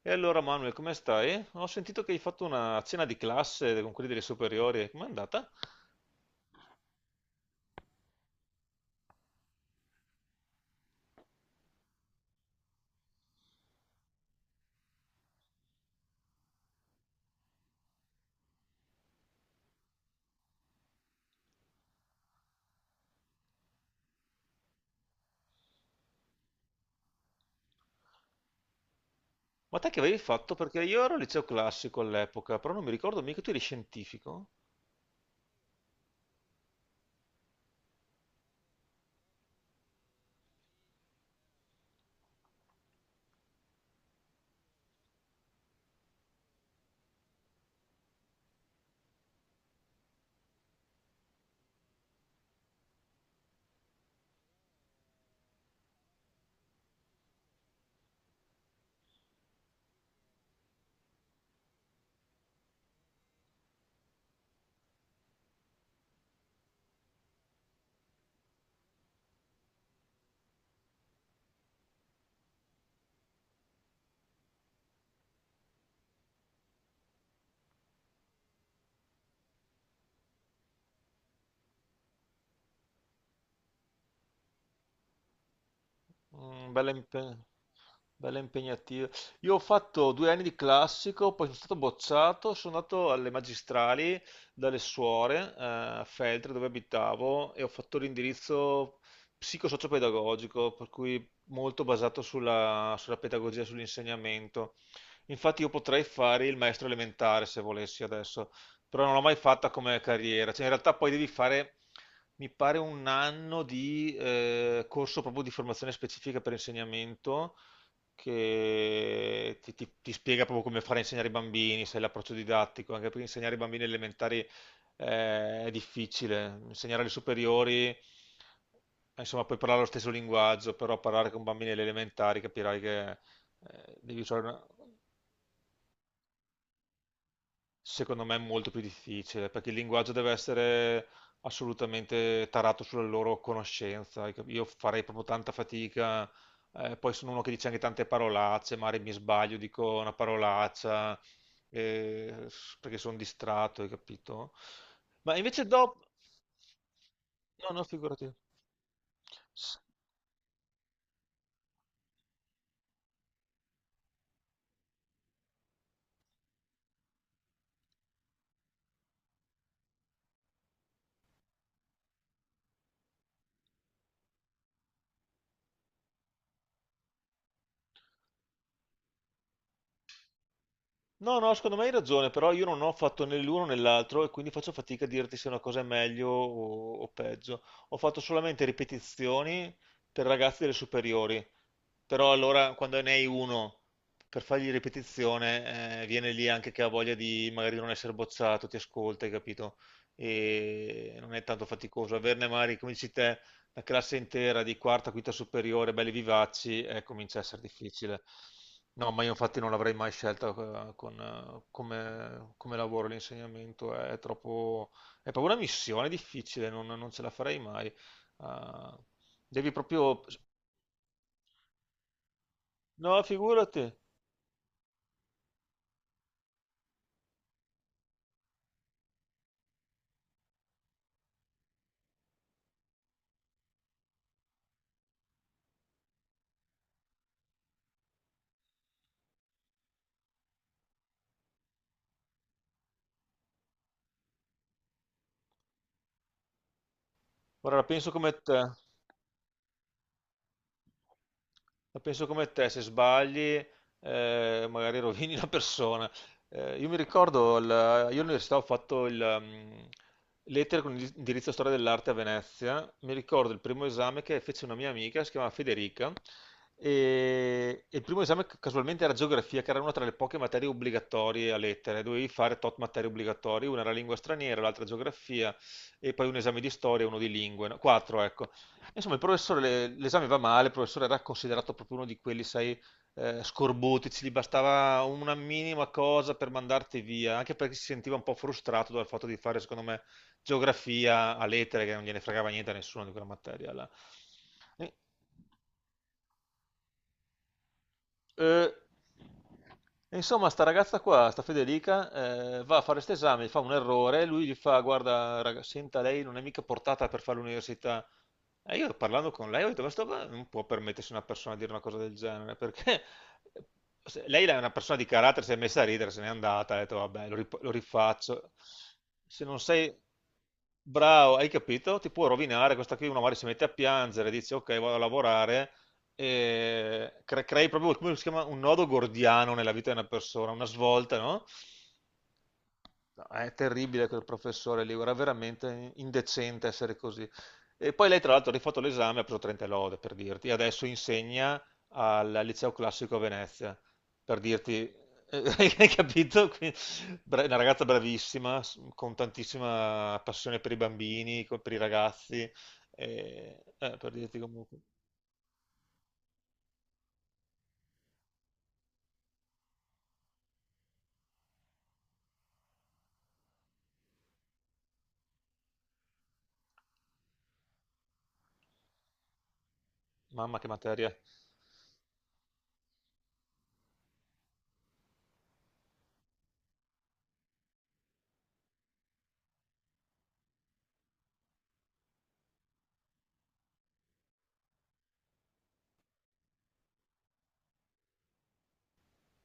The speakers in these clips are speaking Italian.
E allora Manuel, come stai? Ho sentito che hai fatto una cena di classe con quelli delle superiori, com'è andata? Ma te che avevi fatto? Perché io ero al liceo classico all'epoca, però non mi ricordo, mica tu eri scientifico? Mm, bella impegnativa. Io ho fatto 2 anni di classico, poi sono stato bocciato, sono andato alle magistrali dalle suore, a Feltre dove abitavo, e ho fatto l'indirizzo psicosociopedagogico, per cui molto basato sulla pedagogia, sull'insegnamento. Infatti io potrei fare il maestro elementare se volessi adesso, però non l'ho mai fatta come carriera. Cioè, in realtà poi devi fare, mi pare, un anno di corso proprio di formazione specifica per insegnamento che ti spiega proprio come fare a insegnare i bambini, sai, l'approccio didattico, anche perché insegnare i bambini elementari, è difficile, insegnare alle superiori, insomma, puoi parlare lo stesso linguaggio, però parlare con bambini alle elementari capirai che, devi usare una... Secondo me è molto più difficile, perché il linguaggio deve essere assolutamente tarato sulla loro conoscenza. Io farei proprio tanta fatica, poi sono uno che dice anche tante parolacce, magari mi sbaglio, dico una parolaccia, perché sono distratto, hai capito? Ma invece dopo... No, no, figurati. No, no, secondo me hai ragione, però io non ho fatto né l'uno né l'altro e quindi faccio fatica a dirti se una cosa è meglio o peggio. Ho fatto solamente ripetizioni per ragazzi delle superiori, però allora quando ne hai uno per fargli ripetizione, viene lì anche che ha voglia di magari non essere bocciato, ti ascolta, hai capito? E non è tanto faticoso. Averne magari, come dici te, la classe intera di quarta, quinta superiore, belli vivaci, comincia a essere difficile. No, ma io infatti non l'avrei mai scelta, con, come, come lavoro l'insegnamento, è troppo, è proprio una missione difficile, non ce la farei mai. Ah, devi proprio... No, figurati, ora la penso come te. La penso come te, se sbagli, magari rovini la persona. Io mi ricordo, io all'università ho fatto il lettere con indirizzo storia dell'arte a Venezia. Mi ricordo il primo esame che fece una mia amica, si chiamava Federica, e il primo esame casualmente era geografia, che era una tra le poche materie obbligatorie a lettere. Dovevi fare tot materie obbligatorie, una era lingua straniera, l'altra geografia, e poi un esame di storia e uno di lingue, no? Quattro, ecco. Insomma, il professore, l'esame va male, il professore era considerato proprio uno di quelli, sai, scorbutici, gli bastava una minima cosa per mandarti via, anche perché si sentiva un po' frustrato dal fatto di fare, secondo me, geografia a lettere, che non gliene fregava niente a nessuno di quella materia là. E- eh, Insomma, sta ragazza qua, sta Federica, va a fare questo esame, fa un errore, lui gli fa, guarda, raga, senta, lei non è mica portata per fare l'università. E io parlando con lei ho detto, ma sto qua non può permettersi una persona di dire una cosa del genere, perché lei è una persona di carattere, si è messa a ridere, se n'è andata, ha detto, vabbè, lo rifaccio. Se non sei bravo, hai capito? Ti può rovinare, questa qui uno magari si mette a piangere, dice, ok, vado a lavorare, e crei proprio, come si chiama, un nodo gordiano nella vita di una persona, una svolta, no? No, è terribile quel professore lì, era veramente indecente essere così. E poi lei, tra l'altro, ha rifatto l'esame e ha preso 30 e lode, per dirti, e adesso insegna al Liceo Classico a Venezia, per dirti, hai capito? Quindi, una ragazza bravissima, con tantissima passione per i bambini, per i ragazzi, per dirti comunque, mamma che materia.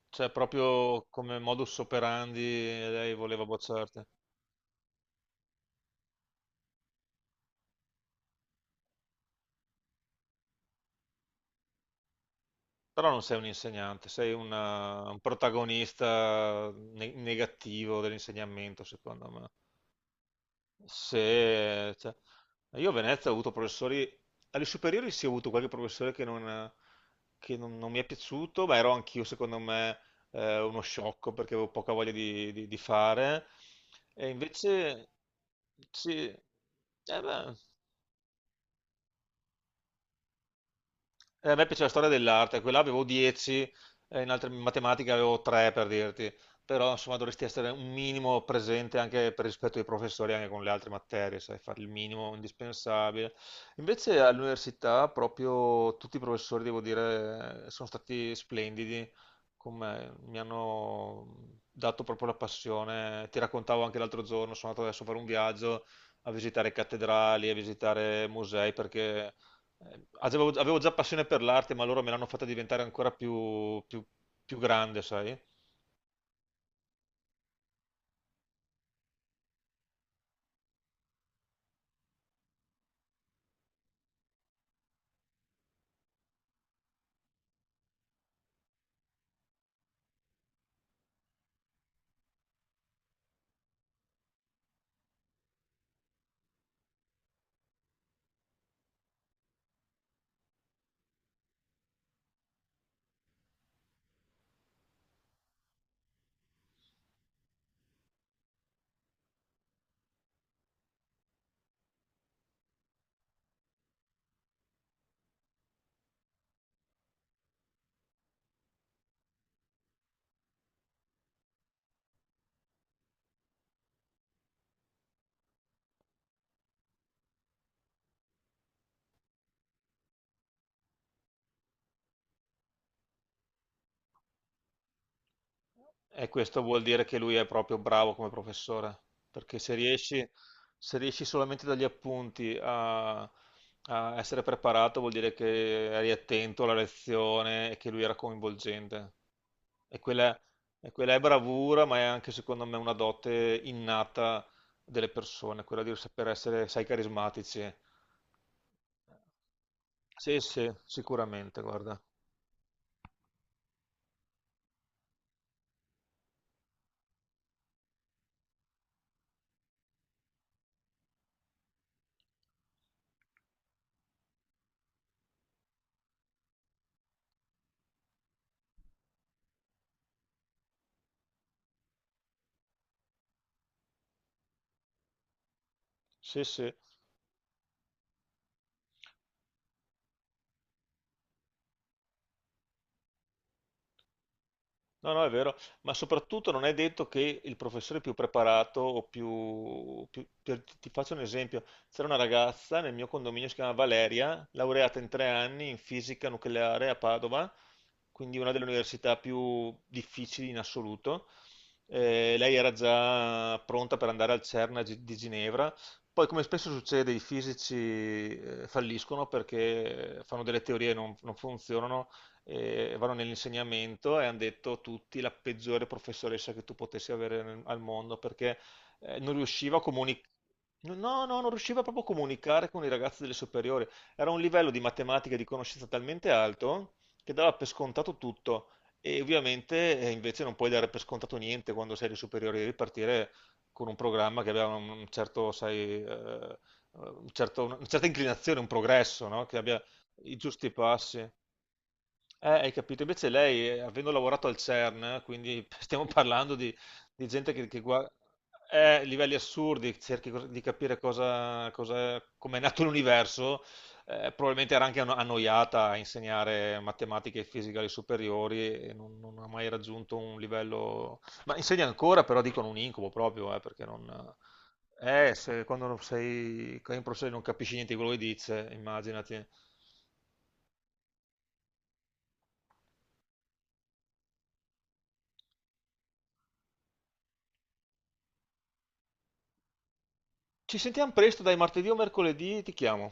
Cioè, proprio come modus operandi lei voleva bocciarti. Però non sei un insegnante, sei un protagonista negativo dell'insegnamento, secondo me. Se, cioè, io a Venezia ho avuto professori, alle superiori sì, ho avuto qualche professore che non- non mi è piaciuto, ma ero anch'io, secondo me, uno sciocco perché avevo poca voglia di fare. E invece, sì, eh beh, eh, a me piaceva la storia dell'arte, quella avevo 10, in matematica avevo 3, per dirti, però insomma dovresti essere un minimo presente anche per rispetto ai professori, anche con le altre materie, sai, fare il minimo indispensabile. Invece all'università proprio tutti i professori, devo dire, sono stati splendidi con me, mi hanno dato proprio la passione. Ti raccontavo anche l'altro giorno, sono andato adesso per un viaggio a visitare cattedrali, a visitare musei, perché avevo già passione per l'arte, ma loro me l'hanno fatta diventare ancora più grande, sai? E questo vuol dire che lui è proprio bravo come professore, perché se riesci solamente dagli appunti a, a essere preparato, vuol dire che eri attento alla lezione e che lui era coinvolgente. E quella, e quella è bravura, ma è anche secondo me una dote innata delle persone, quella di saper essere, sai, carismatici. Sì, sì, sicuramente, guarda. Sì, sì. No, no, è vero, ma soprattutto non è detto che il professore più preparato o più... ti faccio un esempio, c'era una ragazza nel mio condominio, si chiama Valeria, laureata in 3 anni in fisica nucleare a Padova, quindi una delle università più difficili in assoluto. Lei era già pronta per andare al CERN a di Ginevra. Poi, come spesso succede, i fisici, falliscono perché fanno delle teorie e non funzionano, vanno nell'insegnamento e hanno detto tutti la peggiore professoressa che tu potessi avere al mondo perché, non riusciva a comunicare. No, no, no, non riusciva proprio a comunicare con i ragazzi delle superiori. Era un livello di matematica e di conoscenza talmente alto che dava per scontato tutto. E ovviamente, invece non puoi dare per scontato niente quando sei alle superiori, devi partire con un programma che aveva un certo, sai, una certa inclinazione, un progresso, no? Che abbia i giusti passi. Hai capito? Invece lei, avendo lavorato al CERN, quindi stiamo parlando di gente che, livelli assurdi, di capire cosa, cosa, come è nato l'universo, probabilmente era anche annoiata a insegnare matematica e fisica alle superiori e non ha mai raggiunto un livello... Ma insegna ancora, però dicono un incubo proprio, perché non... se, quando non sei in professore non capisci niente di quello che dice, immaginati. Ci sentiamo presto, dai, martedì o mercoledì ti chiamo.